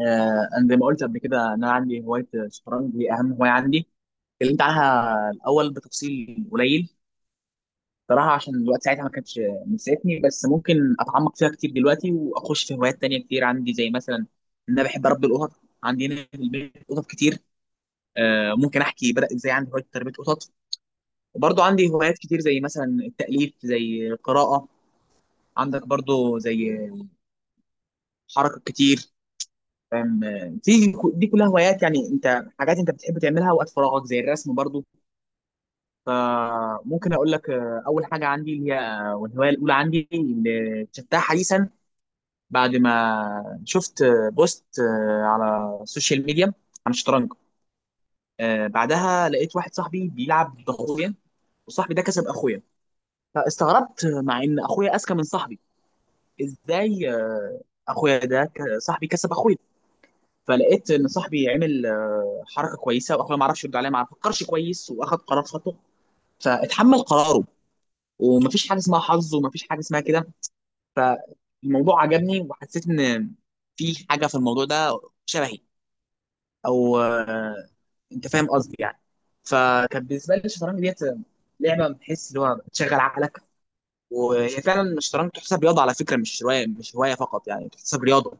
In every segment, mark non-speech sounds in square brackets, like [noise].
انا زي ما قلت قبل كده ان انا عندي هوايه الشطرنج دي اهم هوايه عندي. اتكلمت عنها الاول بتفصيل قليل. صراحه عشان الوقت ساعتها ما كانش مساعدني، بس ممكن اتعمق فيها كتير دلوقتي واخش في هوايات تانية كتير عندي، زي مثلا ان انا بحب اربي القطط. عندي هنا في البيت قطط كتير. ممكن احكي بدا ازاي عندي هوايه تربيه قطط. وبرضه عندي هوايات كتير زي مثلا التاليف، زي القراءه. عندك برضه زي حركه كتير، فاهم. في دي كلها هوايات، يعني انت حاجات انت بتحب تعملها وقت فراغك زي الرسم برضو. فممكن اقول لك، اول حاجه عندي اللي هي، والهوايه الاولى عندي اللي اكتشفتها حديثا، بعد ما شفت بوست، على السوشيال ميديا عن الشطرنج. بعدها لقيت واحد صاحبي بيلعب ضغطية، وصاحبي ده كسب اخويا. فاستغربت، مع ان اخويا اذكى من صاحبي، ازاي اخويا ده صاحبي كسب اخويا. فلقيت ان صاحبي عمل حركه كويسه، واخويا ما عرفش يرد عليا، ما فكرش كويس واخد قرار خطأ فاتحمل قراره. ومفيش حاجه اسمها حظ، ومفيش حاجه اسمها كده. فالموضوع عجبني، وحسيت ان في حاجه في الموضوع ده شبهي، او انت فاهم قصدي يعني. فكان بالنسبه لي الشطرنج ديت لعبه بتحس اللي هو بتشغل عقلك. وهي فعلا الشطرنج تحسب رياضه على فكره، مش هوايه، فقط يعني، تحسب رياضه.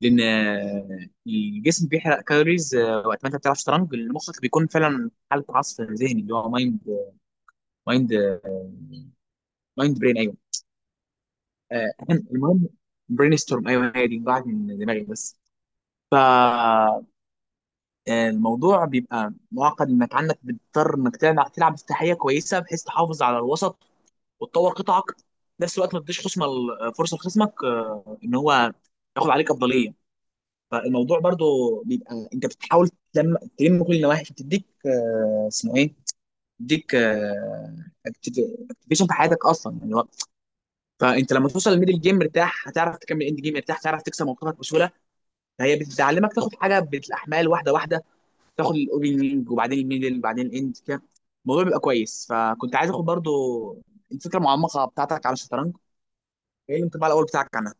لان الجسم بيحرق كالوريز وقت ما انت بتلعب شطرنج. المخ بيكون فعلا في حاله عصف ذهني، اللي هو مايند، مايند برين، ايوه. المهم برين ستورم، ايوه، هي دي ضاعت من دماغي بس. فالموضوع بيبقى معقد، انك عندك بتضطر انك تلعب افتتاحيه كويسه، بحيث تحافظ على الوسط، وتطور قطعك في نفس الوقت، ما تديش خصمك فرصه. لخصمك ان هو ياخد عليك افضليه. فالموضوع برضو بيبقى انت بتحاول تلم كل النواحي، عشان تديك، اسمه ايه، تديك اكتيفيشن في حياتك اصلا، يعني فانت لما توصل للميدل جيم مرتاح، هتعرف تكمل اند جيم مرتاح، تعرف تكسب موقفك بسهوله. فهي بتعلمك تاخد حاجه بالاحمال واحده واحده، تاخد الاوبننج، وبعدين الميدل، وبعدين الاند كده. الموضوع بيبقى كويس. فكنت عايز اخد برضو الفكره المعمقه بتاعتك على الشطرنج، ايه الانطباع الاول بتاعك عنها؟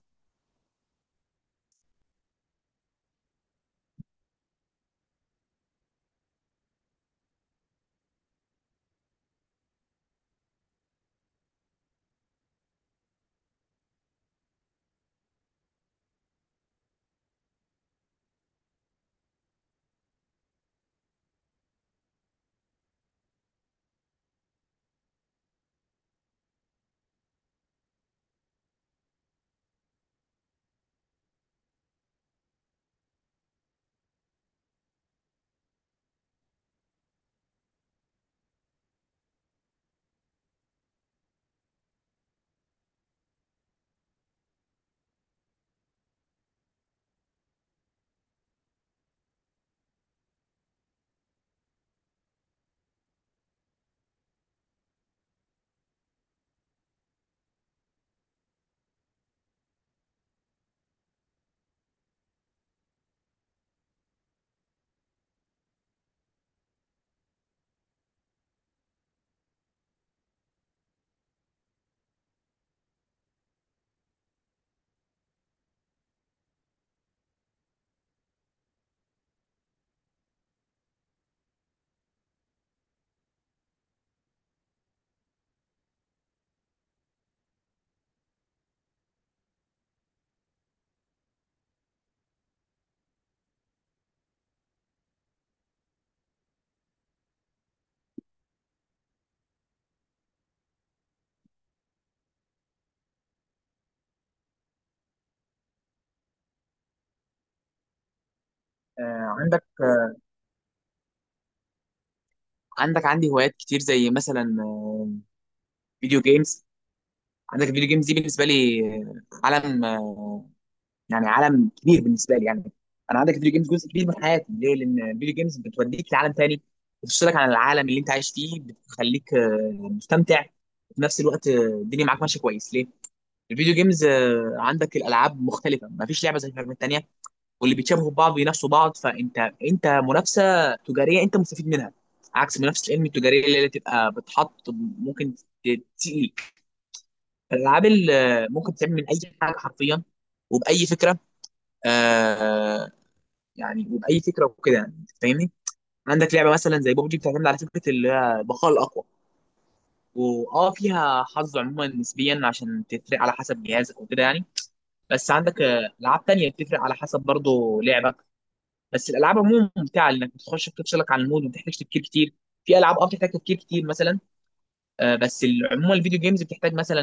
آه، عندك عندك عندي هوايات كتير، زي مثلا فيديو جيمز. عندك الفيديو جيمز دي بالنسبه لي عالم، يعني عالم كبير بالنسبه لي يعني. انا عندك الفيديو جيمز جزء كبير من حياتي. ليه؟ لان الفيديو جيمز بتوديك لعالم تاني، بتفصلك عن العالم اللي انت عايش فيه، بتخليك مستمتع في نفس الوقت. الدنيا معاك ماشيه كويس. ليه؟ الفيديو جيمز عندك الالعاب مختلفه، ما فيش لعبه زي من التانيه، واللي بيتشابهوا ببعض بينافسوا بعض. فانت منافسه تجاريه انت مستفيد منها، عكس منافسه العلم التجاريه اللي هي تبقى بتحط. ممكن الالعاب اللي ممكن تتعمل من اي حاجه حرفيا، وباي فكره، آه يعني، وباي فكره وكده يعني، أنت فاهمني. عندك لعبه مثلا زي بوبجي بتعتمد على فكره اللي هي البقاء الاقوى، واه فيها حظ عموما نسبيا، عشان تفرق على حسب جهازك وكده يعني. بس عندك العاب تانية بتفرق على حسب برضه لعبك. بس الالعاب عموما ممتعه، لانك بتخش بتفصلك عن المود، وما بتحتاجش تفكير كتير. في العاب اه بتحتاج تفكير كتير مثلا، عموما الفيديو جيمز بتحتاج مثلا،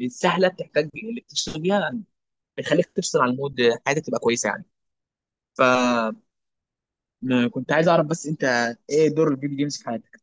السهله بتحتاج اللي بتشتغل بيها، بتخليك تفصل عن المود، حياتك تبقى كويسه يعني. فكنت عايز اعرف بس، انت ايه دور الفيديو جيمز في حياتك؟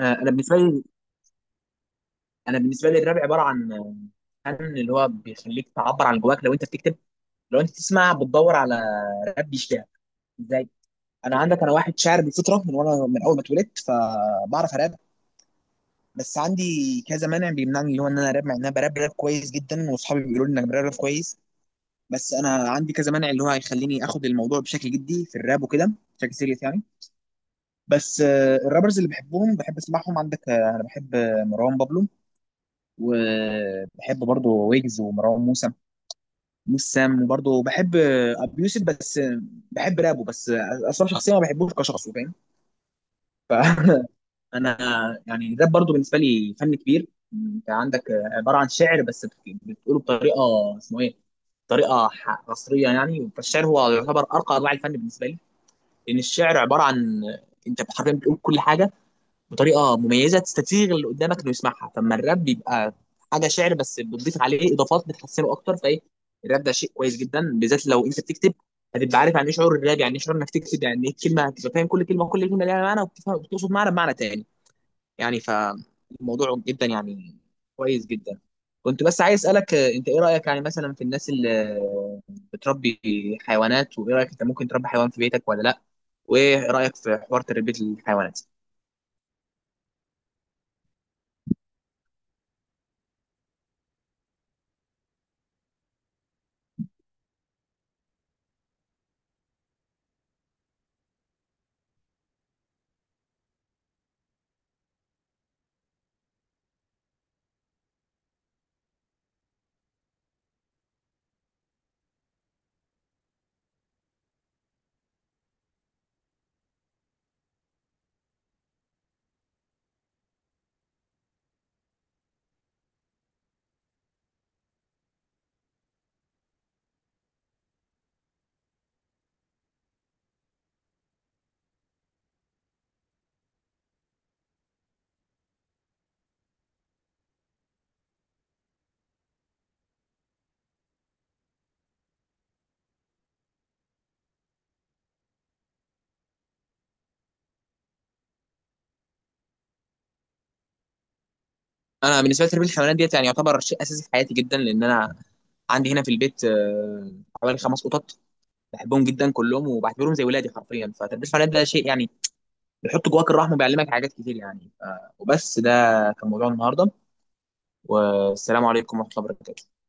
آه، انا بالنسبه لي انا بالنسبه لي الراب عباره عن، عن اللي هو بيخليك تعبر عن جواك لو انت بتكتب. لو انت تسمع بتدور على راب بيشتغل ازاي. انا عندك انا واحد شاعر بالفطره، من وانا من اول ما اتولدت فبعرف اراب. بس عندي كذا مانع بيمنعني، اللي هو ان انا اراب، مع ان انا براب كويس جدا، واصحابي بيقولوا لي انك براب كويس. بس انا عندي كذا مانع اللي هو هيخليني اخد الموضوع بشكل جدي في الراب وكده، بشكل سيريس يعني. بس الرابرز اللي بحبهم بحب اسمعهم، عندك انا بحب مروان بابلو، وبحب برضه ويجز ومروان موسى موسام، وبرضه بحب ابي يوسف. بس بحب رابه بس، اصلا شخصيا ما بحبوش كشخص فاهم. فانا [laughs] يعني الراب برضه بالنسبه لي فن كبير. انت عندك عباره عن شعر، بس بتقوله بطريقه، اسمه ايه، طريقه عصريه يعني. فالشعر هو يعتبر ارقى انواع الفن بالنسبه لي، لان الشعر عباره عن، انت حرفيا بتقول كل حاجه بطريقه مميزه، تستسيغ اللي قدامك انه يسمعها. فاما الراب بيبقى حاجه شعر، بس بتضيف عليه اضافات بتحسنه اكتر. فايه الراب ده شيء كويس جدا، بالذات لو انت بتكتب، هتبقى عارف يعني ايه شعور الراب، يعني ايه شعور انك تكتب، يعني ايه الكلمه، هتبقى فاهم كل كلمه، وكل كلمه ليها معنى، وبتفهم وبتقصد معنى بمعنى تاني يعني. فالموضوع جدا يعني كويس جدا. كنت بس عايز اسالك، انت ايه رايك يعني مثلا في الناس اللي بتربي حيوانات؟ وايه رايك، انت ممكن تربي حيوان في بيتك ولا لا؟ وايه رايك في حوار تربيه الحيوانات؟ انا بالنسبه لي تربيه الحيوانات ديت يعني يعتبر شيء اساسي في حياتي جدا، لان انا عندي هنا في البيت حوالي 5 قطط، بحبهم جدا كلهم، وبعتبرهم زي ولادي حرفيا. فتربيه الحيوانات ده شيء يعني بيحط جواك الرحمه، وبيعلمك حاجات كتير يعني. وبس ده كان موضوع النهارده. والسلام عليكم ورحمه الله وبركاته.